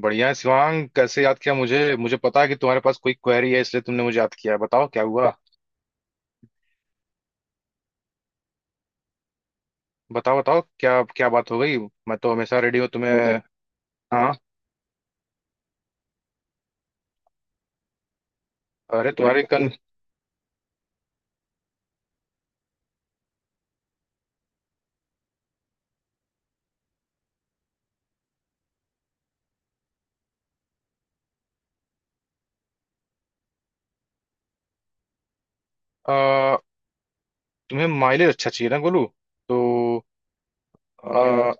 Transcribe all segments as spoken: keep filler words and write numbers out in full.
बढ़िया है, शिवांग कैसे याद किया मुझे मुझे। पता है कि तुम्हारे पास कोई क्वेरी है इसलिए तुमने मुझे याद किया। बताओ क्या हुआ। बताओ बताओ क्या क्या बात हो गई। मैं तो हमेशा रेडी हूँ तुम्हें। हाँ। अरे तुम्हारी कन अ, तुम्हें माइलेज अच्छा चाहिए ना गोलू। तो अ,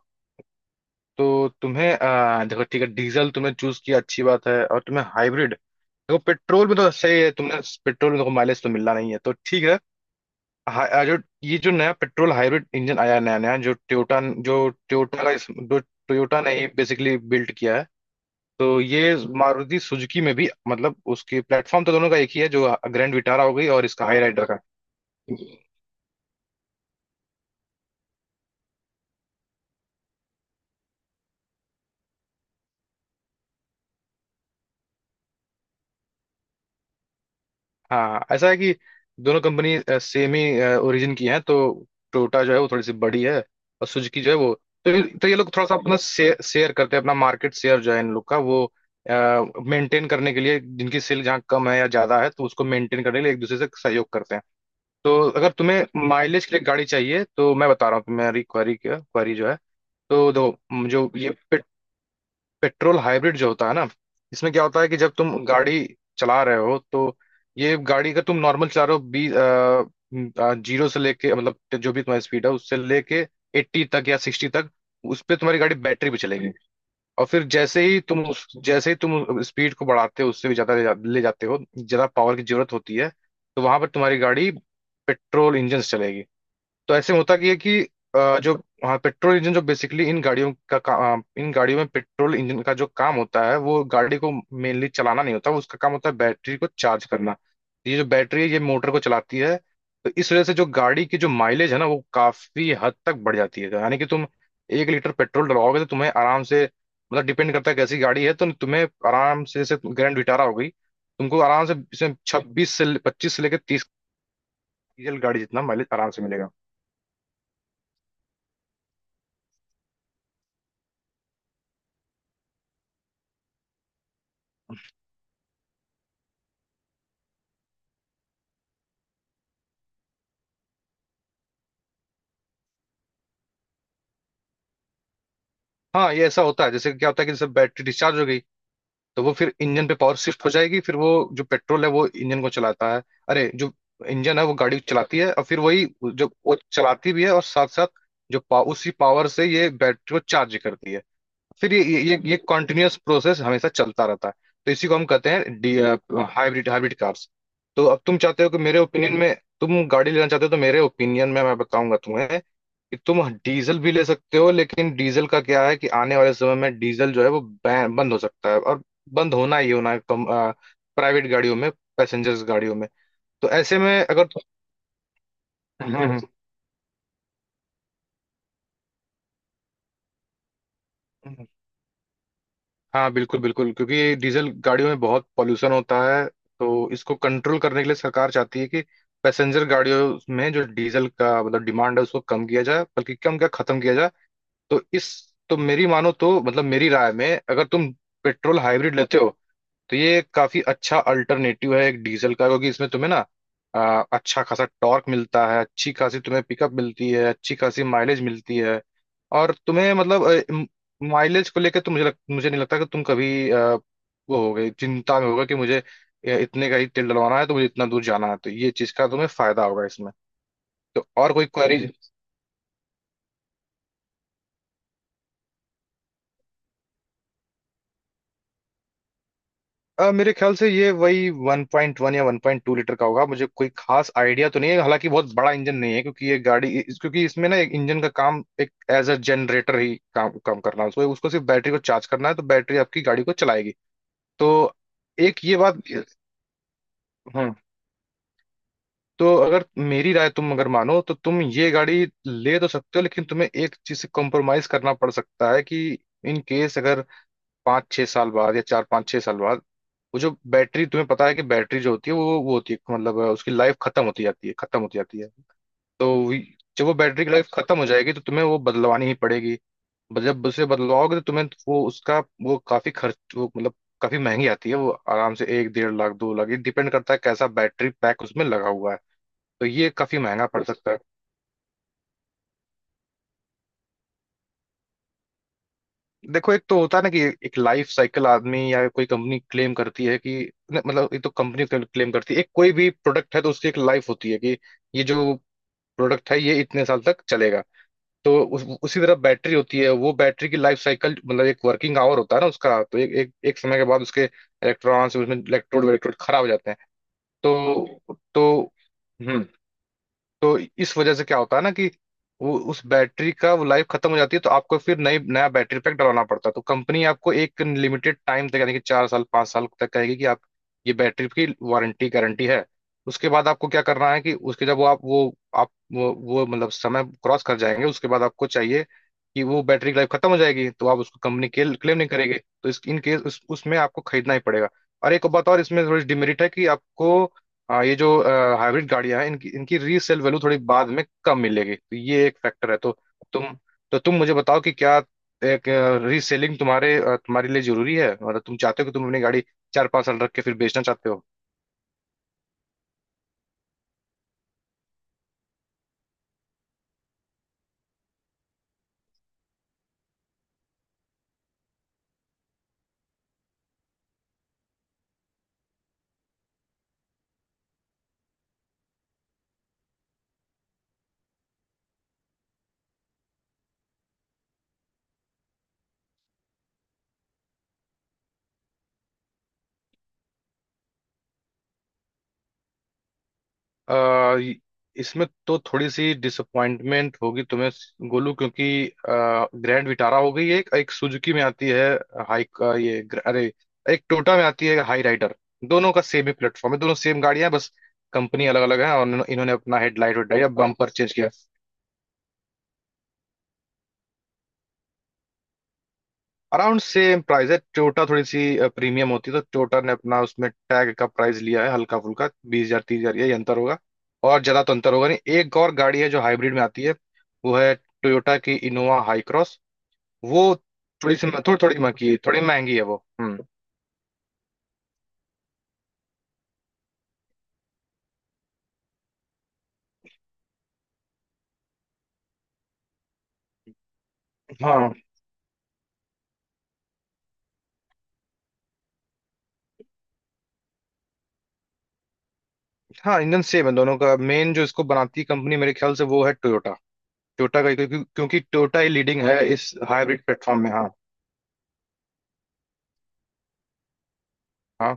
तो तुम्हें अ, देखो ठीक है डीजल तुमने चूज किया अच्छी बात है। और तुम्हें हाइब्रिड देखो, पेट्रोल में तो सही है, तुमने पेट्रोल में देखो माइलेज तो मिलना नहीं है तो ठीक है। हा- आ, जो ये जो नया पेट्रोल हाइब्रिड इंजन आया है नया नया जो टोयोटा जो टोयोटा का इस- जो टोयोटा ने बेसिकली बिल्ड किया है। तो ये मारुति सुजुकी में भी मतलब उसकी प्लेटफॉर्म तो दोनों का एक ही है। जो ग्रैंड विटारा हो गई और इसका हाई। हाँ ऐसा है कि दोनों कंपनी सेम ही ओरिजिन की हैं। तो टोयोटा जो है वो थोड़ी सी बड़ी है और सुजुकी जो है वो। तो ये, तो ये लोग थोड़ा सा अपना शेयर शेयर करते हैं, अपना मार्केट शेयर जो है इन लोग का वो मेंटेन करने के लिए, जिनकी सेल जहाँ कम है या ज्यादा है तो उसको मेंटेन करने के लिए एक दूसरे से सहयोग करते हैं। तो अगर तुम्हें माइलेज के लिए गाड़ी चाहिए तो मैं बता रहा हूँ तुम्हारी क्वारी क्या क्वारी जो है। तो दो। जो ये पेट्रोल हाइब्रिड जो होता है ना, इसमें क्या होता है कि जब तुम गाड़ी चला रहे हो तो ये गाड़ी का तुम नॉर्मल चला रहे हो, बीस, जीरो से लेके मतलब जो भी तुम्हारी स्पीड है उससे लेके एट्टी तक या सिक्सटी तक, उस पे तुम्हारी गाड़ी बैटरी पे चलेगी। और फिर जैसे ही तुम उस जैसे ही तुम स्पीड को बढ़ाते हो, उससे भी ज्यादा ले, जा, ले जाते हो, ज्यादा पावर की जरूरत होती है तो वहां पर तुम्हारी गाड़ी पेट्रोल इंजन से चलेगी। तो ऐसे में होता कि है कि अ, जो हाँ पेट्रोल इंजन जो बेसिकली इन गाड़ियों का, का इन गाड़ियों में पेट्रोल इंजन का जो काम होता है वो गाड़ी को मेनली चलाना नहीं होता, वो उसका काम होता है बैटरी को चार्ज करना। तो ये जो बैटरी है ये मोटर को चलाती है। तो इस वजह से जो गाड़ी की जो माइलेज है ना वो काफी हद तक बढ़ जाती है। यानी कि तुम एक लीटर पेट्रोल डलवाओगे तो तुम्हें आराम से मतलब डिपेंड करता है कैसी गाड़ी है, तो तुम्हें आराम से जैसे ग्रैंड विटारा हो गई तुमको आराम से इसमें छब्बीस से पच्चीस से लेकर तीस, डीजल गाड़ी जितना माइलेज आराम से मिलेगा। हाँ ये ऐसा होता है, जैसे क्या होता है कि जैसे बैटरी डिस्चार्ज हो गई तो वो फिर इंजन पे पावर शिफ्ट हो जाएगी। फिर वो जो पेट्रोल है वो इंजन को चलाता है। अरे जो इंजन है वो गाड़ी को चलाती है और फिर वही जो वो चलाती भी है और साथ साथ जो पा, उसी पावर से ये बैटरी को चार्ज करती है। फिर ये ये ये, ये कॉन्टिन्यूअस प्रोसेस हमेशा चलता रहता है। तो इसी को हम कहते हैं हाइब्रिड, हाइब्रिड कार्स। तो अब तुम चाहते हो कि मेरे ओपिनियन में तुम गाड़ी लेना चाहते हो, तो मेरे ओपिनियन में मैं बताऊंगा तुम्हें कि तुम डीजल भी ले सकते हो, लेकिन डीजल का क्या है कि आने वाले समय में डीजल जो है वो बैन बंद हो सकता है और बंद होना ही होना है, कम, प्राइवेट गाड़ियों में, पैसेंजर्स गाड़ियों में। तो ऐसे में अगर हम्म, हम्म। हाँ बिल्कुल बिल्कुल क्योंकि डीजल गाड़ियों में बहुत पॉल्यूशन होता है। तो इसको कंट्रोल करने के लिए सरकार चाहती है कि पैसेंजर गाड़ियों में जो डीजल का मतलब डिमांड है उसको कम किया जाए, बल्कि कम क्या खत्म किया जाए। तो इस, तो मेरी मानो तो मतलब मेरी राय में अगर तुम पेट्रोल हाइब्रिड लेते हो तो ये काफी अच्छा अल्टरनेटिव है एक डीजल का, क्योंकि इसमें तुम्हें ना अ, अच्छा खासा टॉर्क मिलता है, अच्छी खासी तुम्हें पिकअप मिलती है, अच्छी खासी माइलेज मिलती है। और तुम्हें मतलब माइलेज को लेकर तो मुझे लग, मुझे नहीं लगता कि तुम कभी अ, वो हो गई चिंता में होगा कि मुझे अ, इतने का ही तेल डलवाना है तो मुझे इतना दूर जाना है, तो ये चीज का तुम्हें फायदा होगा इसमें। तो और कोई क्वेरी। अ, मेरे ख्याल से ये वही वन पॉइंट वन या वन पॉइंट टू लीटर का होगा, मुझे कोई खास आइडिया तो नहीं है, हालांकि बहुत बड़ा इंजन नहीं है क्योंकि ये गाड़ी इस- क्योंकि इसमें ना एक इंजन का काम एक एज अ जनरेटर ही काम काम करना है, उसको उसको सिर्फ बैटरी को चार्ज करना है, तो बैटरी आपकी गाड़ी को चलाएगी। तो एक ये बात। हाँ, तो अगर मेरी राय तुम अगर मानो तो तुम ये गाड़ी ले तो सकते हो, लेकिन तुम्हें एक चीज से कॉम्प्रोमाइज करना पड़ सकता है कि इन केस अगर पाँच छह साल बाद या चार पाँच छह साल बाद वो जो बैटरी, तुम्हें पता है कि बैटरी जो होती है वो वो होती है मतलब अ, उसकी लाइफ खत्म होती जाती है, खत्म होती जाती है। तो वी- जब वो बैटरी की लाइफ खत्म हो जाएगी तो तुम्हें वो बदलवानी ही पड़ेगी। ब- जब उसे बदलवाओगे तो तुम्हें वो उसका वो काफी खर्च वो मतलब काफी महंगी आती है वो, आराम से एक डेढ़ लाख दो लाख, ये डिपेंड करता है कैसा बैटरी पैक उसमें लगा हुआ है। तो ये काफी महंगा पड़ सकता है। देखो एक तो होता है ना कि एक लाइफ साइकिल आदमी या कोई कंपनी क्लेम करती है कि न- मतलब ये तो कंपनी क्लेम करती है, एक कोई भी प्रोडक्ट है तो उसकी एक लाइफ होती है कि ये जो प्रोडक्ट है ये इतने साल तक चलेगा। तो उस, उसी तरह बैटरी होती है, वो बैटरी की लाइफ साइकिल मतलब एक वर्किंग आवर होता है ना उसका, तो एक एक, एक समय के बाद उसके इलेक्ट्रॉन्स उसमें इलेक्ट्रोड इलेक्ट्रोड खराब हो जाते हैं। तो तो हम्म, तो इस वजह से क्या होता है ना कि वो उस बैटरी का वो लाइफ खत्म हो जाती है, तो आपको फिर नई नया बैटरी पैक डलवाना पड़ता है। तो कंपनी आपको एक लिमिटेड टाइम तक यानी कि चार साल पाँच साल तक कहेगी कि आप ये बैटरी की वारंटी गारंटी है। उसके बाद आपको क्या करना है कि उसके जब वो आप वो आप वो, वो मतलब समय क्रॉस कर जाएंगे, उसके बाद आपको चाहिए कि वो बैटरी की लाइफ खत्म हो जाएगी तो आप उसको कंपनी क्लेम नहीं करेंगे, तो इस इन केस उस, उसमें आपको खरीदना ही पड़ेगा। और एक बात और इसमें थोड़ी डिमेरिट है कि आपको, हाँ ये जो हाइब्रिड गाड़ियां हैं इनकी इनकी रीसेल वैल्यू थोड़ी बाद में कम मिलेगी, तो ये एक फैक्टर है। तो तुम, तो तुम मुझे बताओ कि क्या एक रीसेलिंग तुम्हारे अ, तुम्हारे लिए जरूरी है, मतलब तुम चाहते हो कि तुम अपनी गाड़ी चार पांच साल रख के फिर बेचना चाहते हो। आ, य- इसमें तो थोड़ी सी डिसअपॉइंटमेंट होगी तुम्हें गोलू, क्योंकि आ, ग्रैंड विटारा हो गई है एक, एक सुजुकी में आती है, हाई आ, ये ग्र- अरे एक टोयोटा में आती है हाई राइडर, दोनों का सेम ही प्लेटफॉर्म है, दोनों सेम गाड़ियां हैं, बस कंपनी अलग अलग है और इन्होंने इन्होंने अपना हेडलाइट वेडलाइट या बम्पर चेंज किया। अराउंड सेम प्राइस है, टोयोटा थोड़ी सी प्रीमियम होती है, तो टोयोटा ने अपना उसमें टैग का प्राइस लिया है हल्का फुल्का बीस हजार तीस हजार, यही अंतर होगा। और ज्यादा तो अंतर होगा नहीं। एक और गाड़ी है जो हाइब्रिड में आती है, वो है टोयोटा की इनोवा हाई क्रॉस। वो थोड़ी सी थोड़ी थोड़ी महंगी, थोड़ी महंगी है वो। हम्म। हाँ, हाँ इंजन सेम है दोनों का, मेन जो इसको बनाती है कंपनी मेरे ख्याल से वो है टोयोटा, टोयोटा का क्योंकि क्योंकि टोयोटा ही लीडिंग है इस हाइब्रिड पे। हाँ।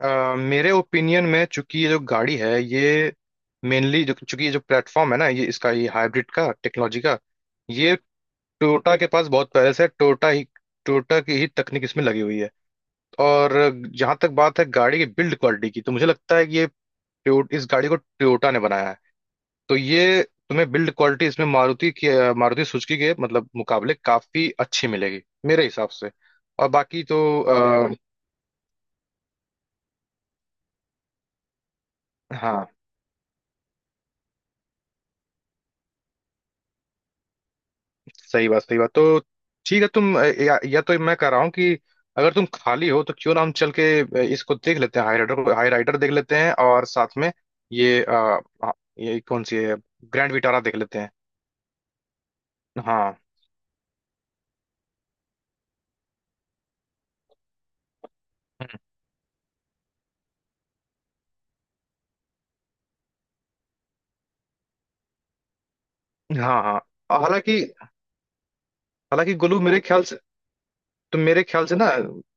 अ, मेरे ओपिनियन में चूंकि ये जो गाड़ी है ये मेनली जो चूंकि ये जो प्लेटफॉर्म है ना ये इसका ये हाइब्रिड का टेक्नोलॉजी का ये टोयोटा के पास बहुत पहले से, टोयोटा ही टोयोटा की ही तकनीक इसमें लगी हुई है। और जहां तक बात है गाड़ी की बिल्ड क्वालिटी की तो मुझे लगता है कि ये टो- इस गाड़ी को टोयोटा ने बनाया है तो ये तुम्हें बिल्ड क्वालिटी इसमें मारुति की मारुति सुजुकी के मतलब मुकाबले काफी अच्छी मिलेगी मेरे हिसाब से। और बाकी तो आ, हाँ सही बात, सही बात। तो ठीक है तुम अ, या, या तो मैं कह रहा हूँ कि अगर तुम खाली हो तो क्यों ना हम चल के अ, इसको देख लेते हैं हाई राइडर को, हाई राइडर देख लेते हैं और साथ में ये अ, अ, ये कौन सी है ग्रैंड विटारा देख लेते हैं। हाँ। हम्म। हाँ हाँ हालांकि, हालांकि गोलू मेरे ख्याल से, तो मेरे ख्याल से ना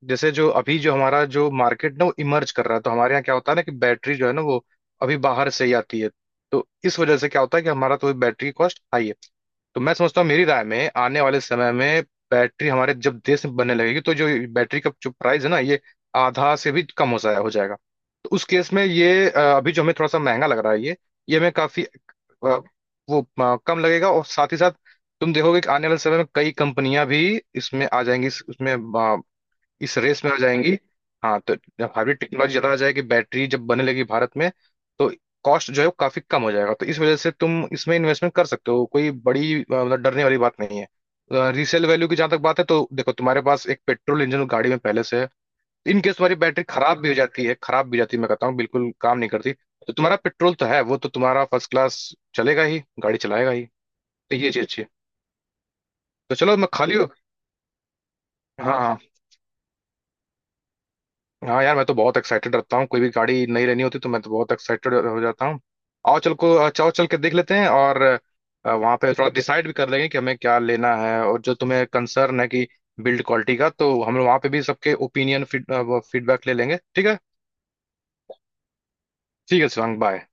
जैसे जो अभी जो हमारा जो मार्केट ना वो इमर्ज कर रहा है, तो हमारे यहाँ क्या होता है ना कि बैटरी जो है ना वो अभी बाहर से ही आती है। तो इस वजह से क्या होता है कि हमारा तो बैटरी कॉस्ट हाई है। तो मैं समझता हूँ मेरी राय में आने वाले समय में बैटरी हमारे जब देश में बनने लगेगी तो जो बैटरी का जो प्राइस है ना ये आधा से भी कम हो जाए हो जाएगा। तो उस केस में ये अ, अभी जो हमें थोड़ा सा महंगा लग रहा है ये ये हमें काफी अ, वो अ, कम लगेगा। और साथ ही साथ तुम देखोगे कि आने वाले समय में कई कंपनियां भी इसमें आ जाएंगी इस- उसमें अ, इस रेस में आ जाएंगी। हाँ तो जब हाइब्रिड टेक्नोलॉजी ज़्यादा आ जाएगी, बैटरी जब बनने लगी भारत में, तो कॉस्ट जो है वो काफ़ी कम हो जाएगा। तो इस वजह से तुम इसमें इन्वेस्टमेंट कर सकते हो, कोई बड़ी अ, मतलब डरने वाली बात नहीं है। रीसेल वैल्यू की जहां तक बात है तो देखो तुम्हारे पास एक पेट्रोल इंजन गाड़ी में पहले से है। इन केस तुम्हारी बैटरी खराब भी हो जाती है, खराब भी हो जाती है, मैं कहता हूँ बिल्कुल काम नहीं करती तो तुम्हारा पेट्रोल तो है वो तो तुम्हारा फर्स्ट क्लास चलेगा ही, गाड़ी चलाएगा ही। तो ये चीज अच्छी है। तो चलो मैं खाली हूँ। हाँ हाँ। हाँ यार मैं तो बहुत एक्साइटेड रहता हूँ, कोई भी गाड़ी नई लेनी होती तो मैं तो बहुत एक्साइटेड हो जाता हूँ। आओ चल को चाओ चल के देख लेते हैं, और अ, वहाँ पे थोड़ा डिसाइड भी कर लेंगे कि हमें क्या लेना है। और जो तुम्हें कंसर्न है कि बिल्ड क्वालिटी का, तो हम वहाँ पे भी सबके ओपिनियन फीडबैक ले लेंगे, ठीक है। ठीक है शिवांग, बाय।